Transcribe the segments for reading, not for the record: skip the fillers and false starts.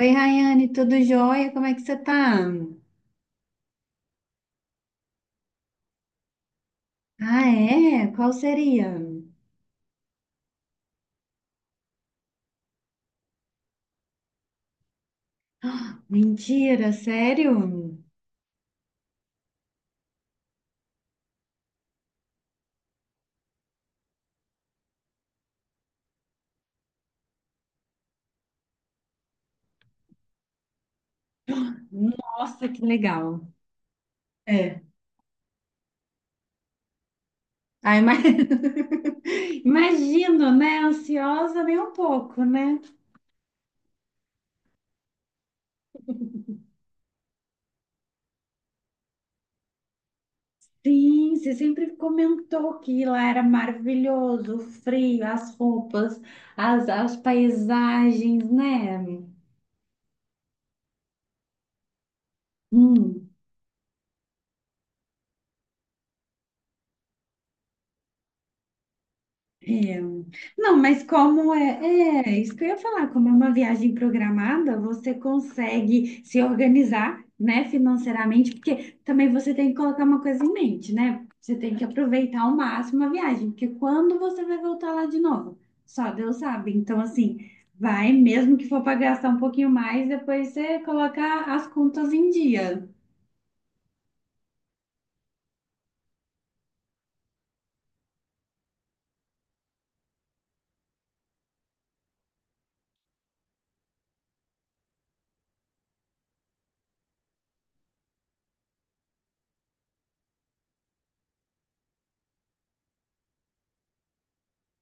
Oi, Rayane, tudo jóia? Como é que você tá? Ah, é? Qual seria? Mentira, sério? Nossa, que legal. É. Ai, mas... Imagino, né? Ansiosa nem um pouco, né? Sim, você sempre comentou que lá era maravilhoso, o frio, as roupas, as paisagens, né? Hum. É. Não, mas como é, é isso que eu ia falar, como é uma viagem programada, você consegue se organizar, né, financeiramente, porque também você tem que colocar uma coisa em mente, né? Você tem que aproveitar ao máximo a viagem, porque quando você vai voltar lá de novo? Só Deus sabe. Então, assim, vai, mesmo que for para gastar um pouquinho mais, depois você coloca as contas em dia.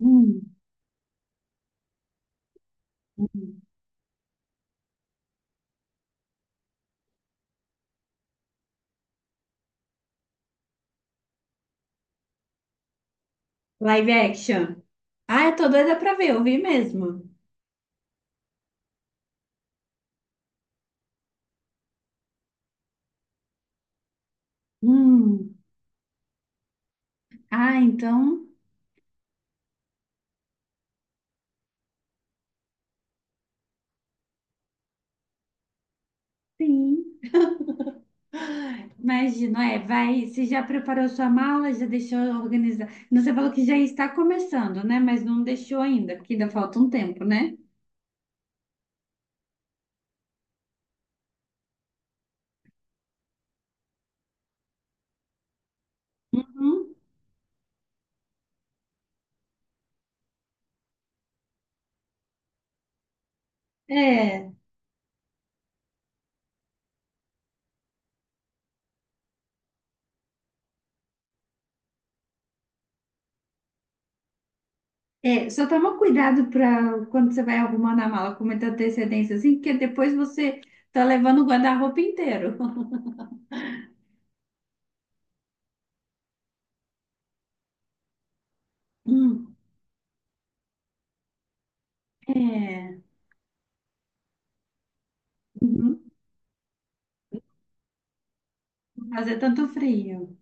Hum. Live action. Ah, eu tô doida pra ver, eu vi mesmo. Hum. Ah, então. Sim, imagino, é, vai, você já preparou sua mala, já deixou organizada. Você falou que já está começando, né? Mas não deixou ainda, porque ainda falta um tempo, né? Uhum. É, é, só toma cuidado para quando você vai arrumando a mala com muita antecedência, assim, porque depois você tá levando o guarda-roupa inteiro. Hum, é, uhum, fazer tanto frio.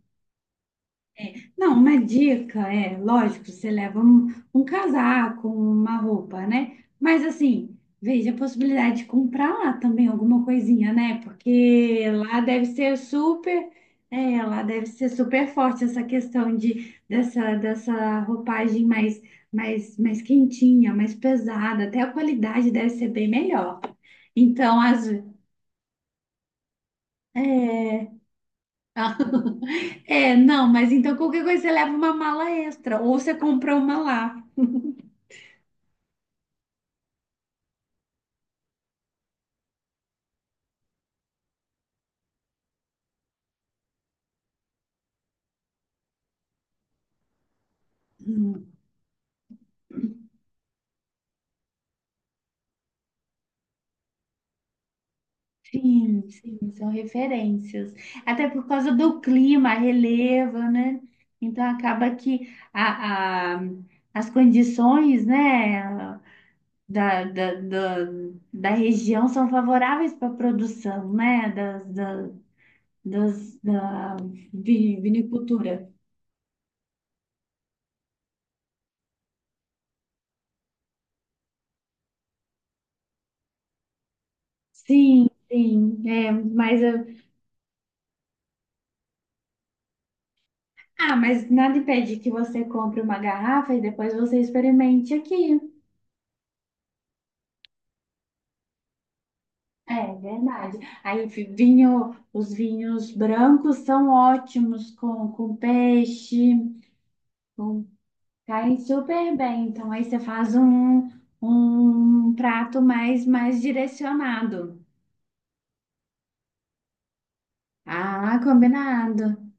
Não, uma dica é, lógico, você leva um casaco, uma roupa, né? Mas assim, veja a possibilidade de comprar lá também alguma coisinha, né? Porque lá deve ser super, é, lá deve ser super forte essa questão de dessa roupagem mais, mais quentinha, mais pesada, até a qualidade deve ser bem melhor. Então, às, é, É, não, mas então qualquer coisa você leva uma mala extra ou você compra uma lá. Hum, Sim, sim, são referências. Até por causa do clima, relevo, né? Então acaba que as condições, né, da, da região são favoráveis para a produção, né, da, da vinicultura. Sim, sim, é, mas ah, mas nada impede que você compre uma garrafa e depois você experimente aqui. É verdade. Aí vinho, os vinhos brancos são ótimos com peixe, com, caem super bem. Então aí você faz um, um prato mais, mais direcionado. Ah, combinado.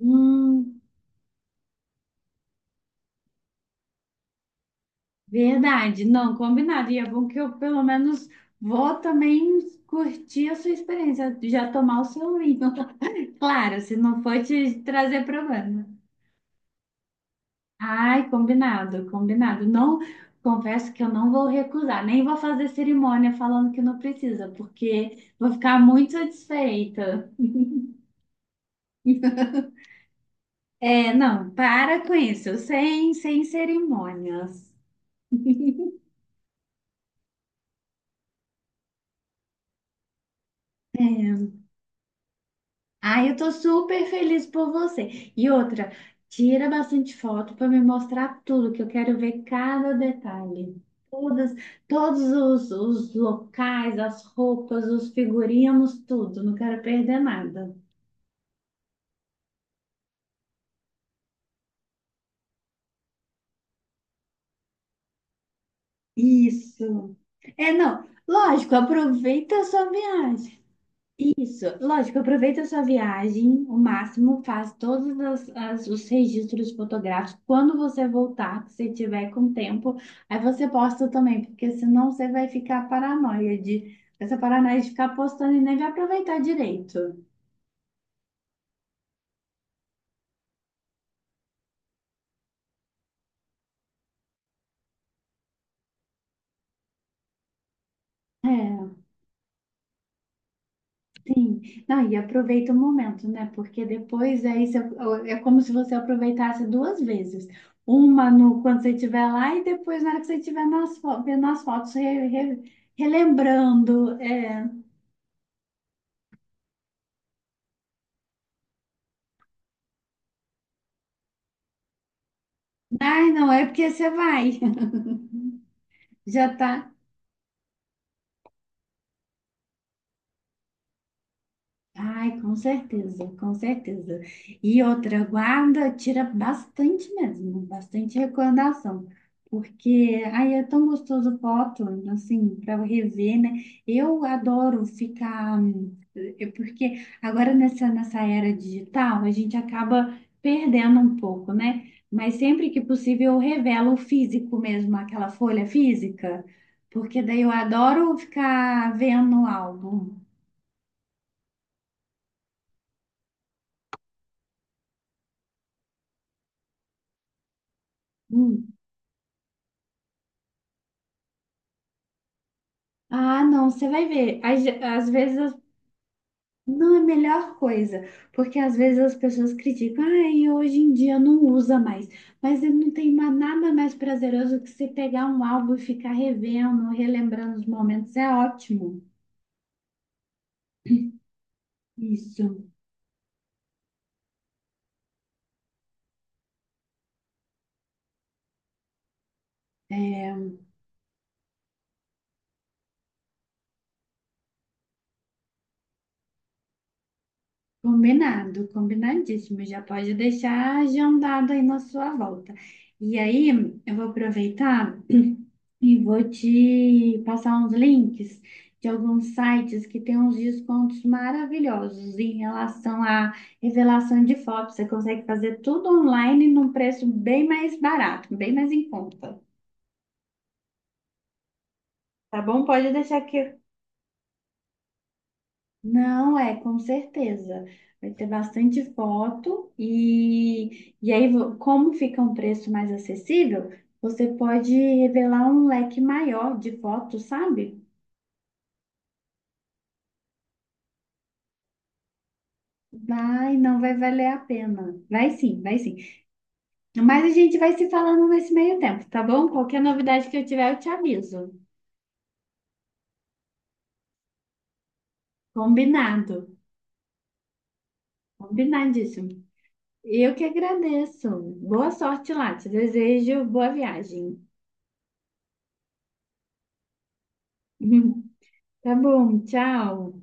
Hum, verdade. Não, combinado. E é bom que eu pelo menos vou também curtir a sua experiência, já tomar o seu vinho. Claro, se não for te trazer problema. Ai, combinado, combinado. Não, confesso que eu não vou recusar, nem vou fazer cerimônia falando que não precisa, porque vou ficar muito satisfeita. É, não, para com isso, sem cerimônias. É, ah, eu tô super feliz por você. E outra, tira bastante foto para me mostrar tudo, que eu quero ver cada detalhe. Todas, todos os locais, as roupas, os figurinos, tudo. Não quero perder nada. Isso. É, não. Lógico, aproveita a sua viagem. Isso, lógico, aproveita a sua viagem o máximo, faz todos as, os registros fotográficos. Quando você voltar, se você tiver com tempo, aí você posta também, porque senão você vai ficar paranoia de essa paranoia de ficar postando e nem vai aproveitar direito. É. Sim, não, e aproveita o momento, né? Porque depois é isso, é como se você aproveitasse duas vezes. Uma no, quando você estiver lá e depois na hora que você estiver nas, vendo as fotos, relembrando. É... Ai, não, é porque você vai, já tá. Ai, com certeza, com certeza. E outra, guarda, tira bastante mesmo, bastante recordação. Porque aí é tão gostoso foto, assim, para rever, né? Eu adoro ficar. É, porque agora nessa era digital, a gente acaba perdendo um pouco, né? Mas sempre que possível eu revelo o físico mesmo, aquela folha física, porque daí eu adoro ficar vendo o álbum. Ah, não, você vai ver. Às, às vezes não é a melhor coisa, porque às vezes as pessoas criticam, ah, e hoje em dia não usa mais. Mas não tem nada mais prazeroso que você pegar um álbum e ficar revendo, relembrando os momentos. É ótimo. Isso. É, combinado, combinadíssimo. Já pode deixar agendado aí na sua volta. E aí, eu vou aproveitar. E vou te passar uns links de alguns sites que têm uns descontos maravilhosos em relação à revelação de fotos. Você consegue fazer tudo online num preço bem mais barato, bem mais em conta. Tá bom? Pode deixar aqui. Não, é, com certeza. Vai ter bastante foto e aí, como fica um preço mais acessível, você pode revelar um leque maior de fotos, sabe? Vai, não vai valer a pena. Vai sim, vai sim. Mas a gente vai se falando nesse meio tempo, tá bom? Qualquer novidade que eu tiver, eu te aviso. Combinado. Combinadíssimo. Eu que agradeço. Boa sorte lá. Te desejo boa viagem. Tá bom, tchau.